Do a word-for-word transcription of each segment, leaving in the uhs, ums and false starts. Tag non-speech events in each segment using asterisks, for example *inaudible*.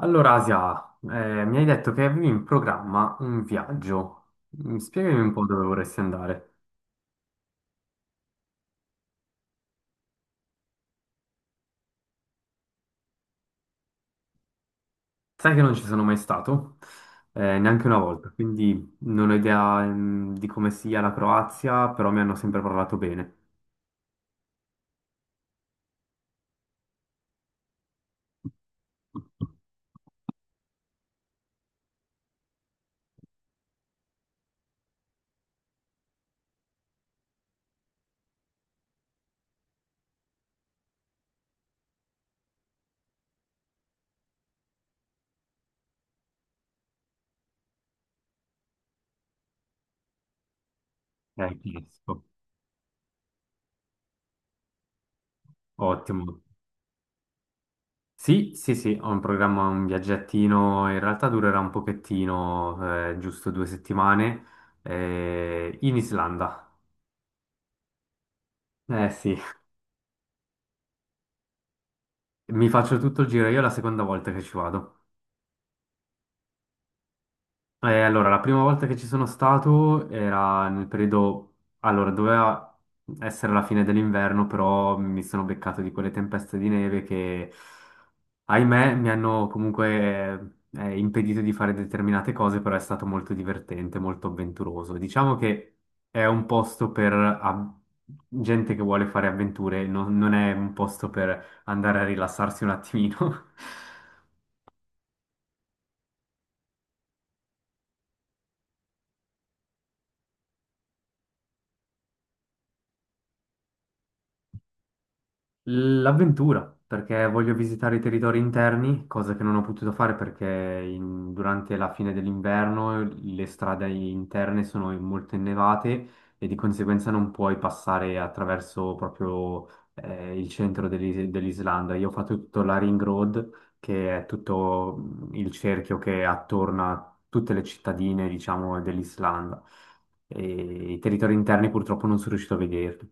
Allora, Asia, eh, mi hai detto che avevi in programma un viaggio. Mm, Spiegami un po' dove vorresti andare. Sai che non ci sono mai stato, eh, neanche una volta, quindi non ho idea, mm, di come sia la Croazia, però mi hanno sempre parlato bene. Eh, capisco. Ottimo. Sì, sì, sì, ho in programma un viaggettino, in realtà durerà un pochettino, eh, giusto due settimane, eh, in Islanda. Eh sì, mi faccio tutto il giro, io è la seconda volta che ci vado. Eh, allora, la prima volta che ci sono stato era nel periodo, allora, doveva essere la fine dell'inverno, però mi sono beccato di quelle tempeste di neve che, ahimè, mi hanno comunque eh, eh, impedito di fare determinate cose, però è stato molto divertente, molto avventuroso. Diciamo che è un posto per a- gente che vuole fare avventure, non non è un posto per andare a rilassarsi un attimino. *laughs* L'avventura, perché voglio visitare i territori interni, cosa che non ho potuto fare perché in- durante la fine dell'inverno le strade interne sono molto innevate e di conseguenza non puoi passare attraverso proprio eh, il centro dell'Is- dell'Islanda. Io ho fatto tutto la Ring Road, che è tutto mm, il cerchio che attorna a tutte le cittadine, diciamo, dell'Islanda. E i territori interni purtroppo non sono riuscito a vederli.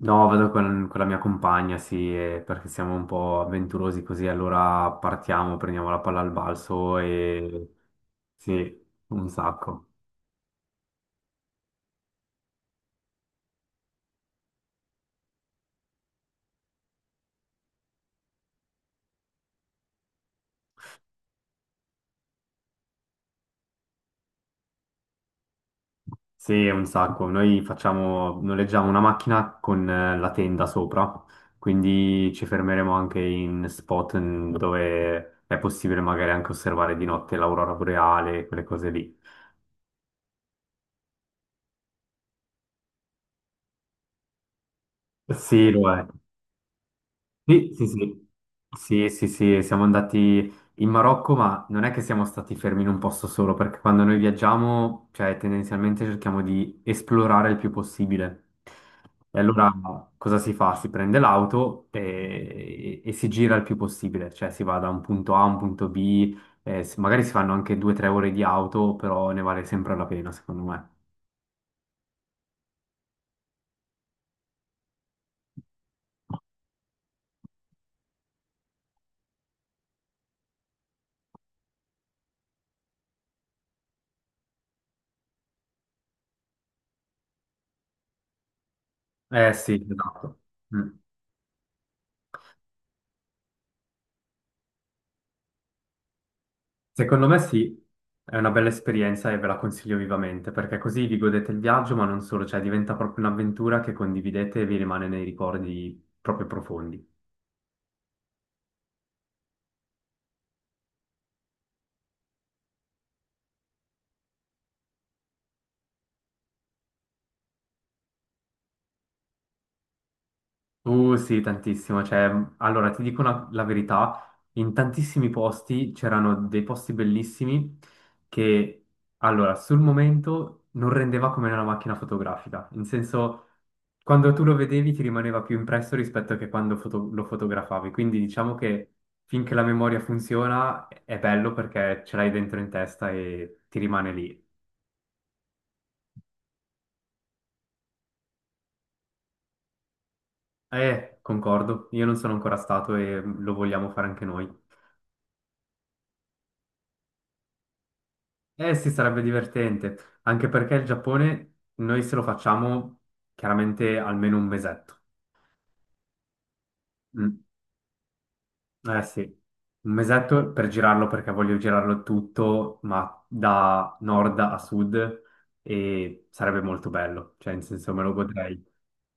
No, vado con, con la mia compagna, sì, eh, perché siamo un po' avventurosi così, allora partiamo, prendiamo la palla al balzo e sì, un sacco. Sì, un sacco. Noi facciamo, noleggiamo una macchina con eh, la tenda sopra, quindi ci fermeremo anche in spot in- dove è possibile magari anche osservare di notte l'aurora boreale, quelle cose lì. Sì, lo è. Sì, sì, sì, sì, sì, sì, siamo andati in Marocco, ma non è che siamo stati fermi in un posto solo, perché quando noi viaggiamo, cioè tendenzialmente cerchiamo di esplorare il più possibile. E allora cosa si fa? Si prende l'auto e, e si gira il più possibile, cioè si va da un punto A a un punto B, eh, s- magari si fanno anche due o tre ore di auto, però ne vale sempre la pena, secondo me. Eh sì, esatto. Mm. Secondo me sì, è una bella esperienza e ve la consiglio vivamente, perché così vi godete il viaggio, ma non solo, cioè diventa proprio un'avventura che condividete e vi rimane nei ricordi proprio profondi. Uh, sì, tantissimo. Cioè, allora, ti dico una- la verità, in tantissimi posti c'erano dei posti bellissimi che, allora, sul momento non rendeva come una macchina fotografica. In senso, quando tu lo vedevi ti rimaneva più impresso rispetto che quando foto- lo fotografavi. Quindi diciamo che finché la memoria funziona è bello perché ce l'hai dentro in testa e ti rimane lì. Eh, concordo, io non sono ancora stato e lo vogliamo fare anche noi. Eh sì, sarebbe divertente, anche perché il Giappone noi se lo facciamo chiaramente almeno un mesetto. Mm, eh sì, un mesetto per girarlo perché voglio girarlo tutto, ma da nord a sud e sarebbe molto bello, cioè in senso me lo godrei,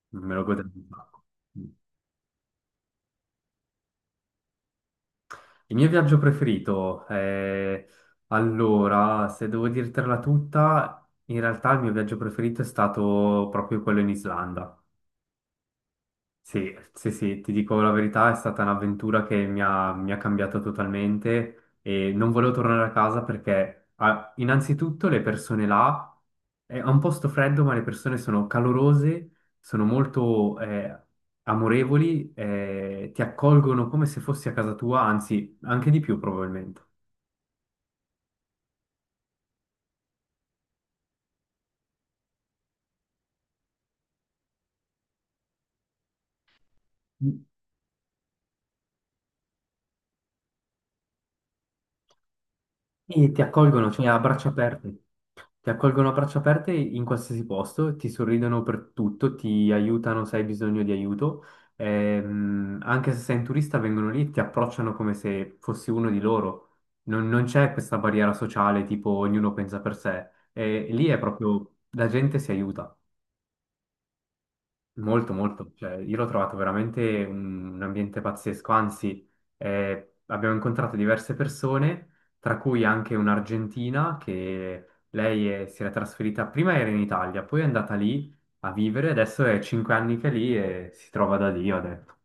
me lo godrei un sacco. Mm. Il mio viaggio preferito, eh, allora, se devo dirtela tutta, in realtà il mio viaggio preferito è stato proprio quello in Islanda. Sì, sì, sì, ti dico la verità, è stata un'avventura che mi ha, mi ha cambiato totalmente e non volevo tornare a casa perché ah, innanzitutto le persone là, è un posto freddo, ma le persone sono calorose, sono molto eh, amorevoli, eh, ti accolgono come se fossi a casa tua, anzi anche di più probabilmente. E ti accolgono, cioè a braccia aperte. Ti accolgono a braccia aperte in qualsiasi posto, ti sorridono per tutto, ti aiutano se hai bisogno di aiuto. Ehm, anche se sei un turista, vengono lì e ti approcciano come se fossi uno di loro. Non, non c'è questa barriera sociale, tipo ognuno pensa per sé. E lì è proprio la gente si aiuta. Molto, molto, cioè, io l'ho trovato veramente un, un ambiente pazzesco, anzi eh, abbiamo incontrato diverse persone, tra cui anche un'argentina che lei è- si era trasferita, prima era in Italia, poi è andata lì a vivere, adesso è cinque anni che è lì e si trova da Dio, ha detto.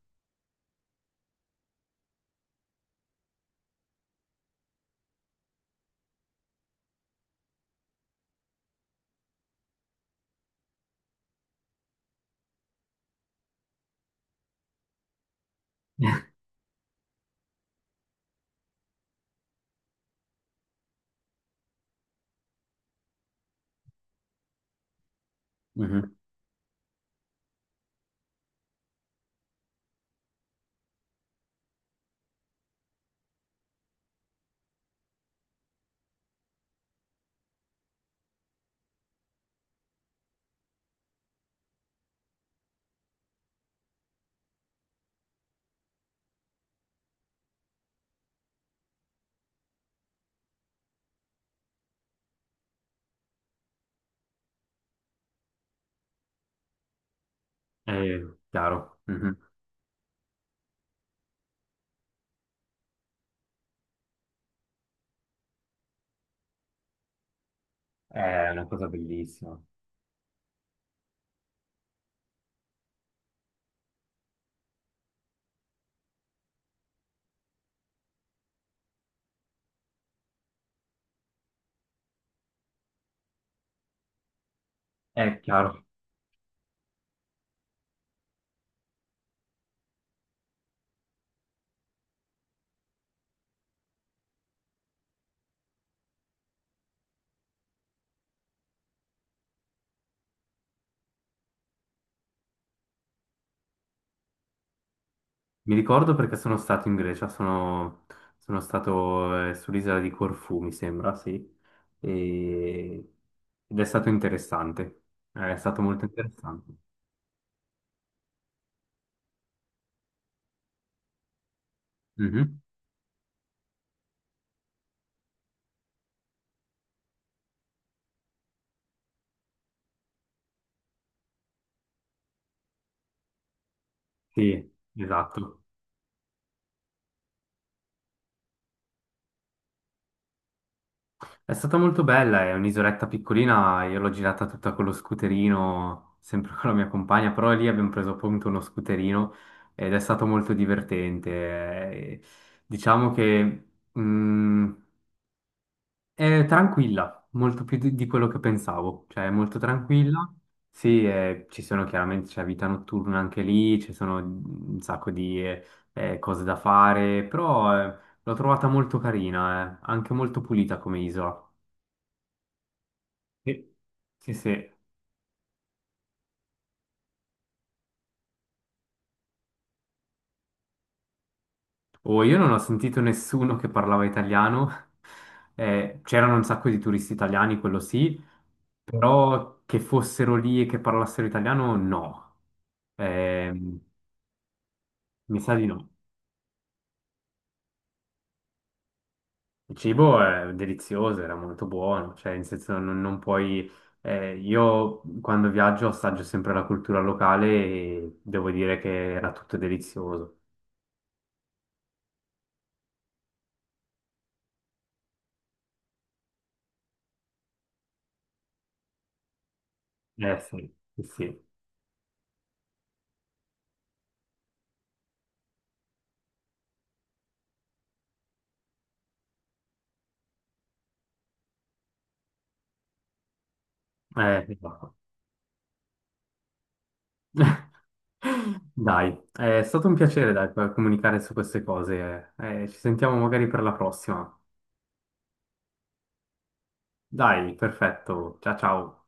*laughs* Mhm, è chiaro, mhm. È una cosa bellissima. È chiaro. Mi ricordo perché sono stato in Grecia, sono, sono stato eh, sull'isola di Corfù, mi sembra, sì, E- ed è stato interessante, eh, è stato molto interessante. Mhm. Sì, esatto. È stata molto bella, è un'isoletta piccolina, io l'ho girata tutta con lo scooterino, sempre *laughs* con la mia compagna, però lì abbiamo preso appunto uno scooterino ed è stato molto divertente. Eh, Diciamo che... mm, È tranquilla, molto più di, di quello che pensavo, cioè è molto tranquilla. Sì, eh, ci sono chiaramente, c'è vita notturna anche lì, ci sono un sacco di eh, eh, cose da fare, però eh, l'ho trovata molto carina, eh, anche molto pulita come isola. Sì, sì, sì. Oh, io non ho sentito nessuno che parlava italiano, *laughs* eh, c'erano un sacco di turisti italiani, quello sì, però che fossero lì e che parlassero italiano, no. Ehm, Mi sa di no. Il cibo è delizioso, era molto buono, cioè in senso non, non puoi... eh, io quando viaggio assaggio sempre la cultura locale e devo dire che era tutto delizioso. Eh sì, sì, sì. Eh, esatto. Dai, è stato un piacere, dai, per comunicare su queste cose. Eh, Eh, ci sentiamo magari per la prossima. Dai, perfetto, ciao ciao.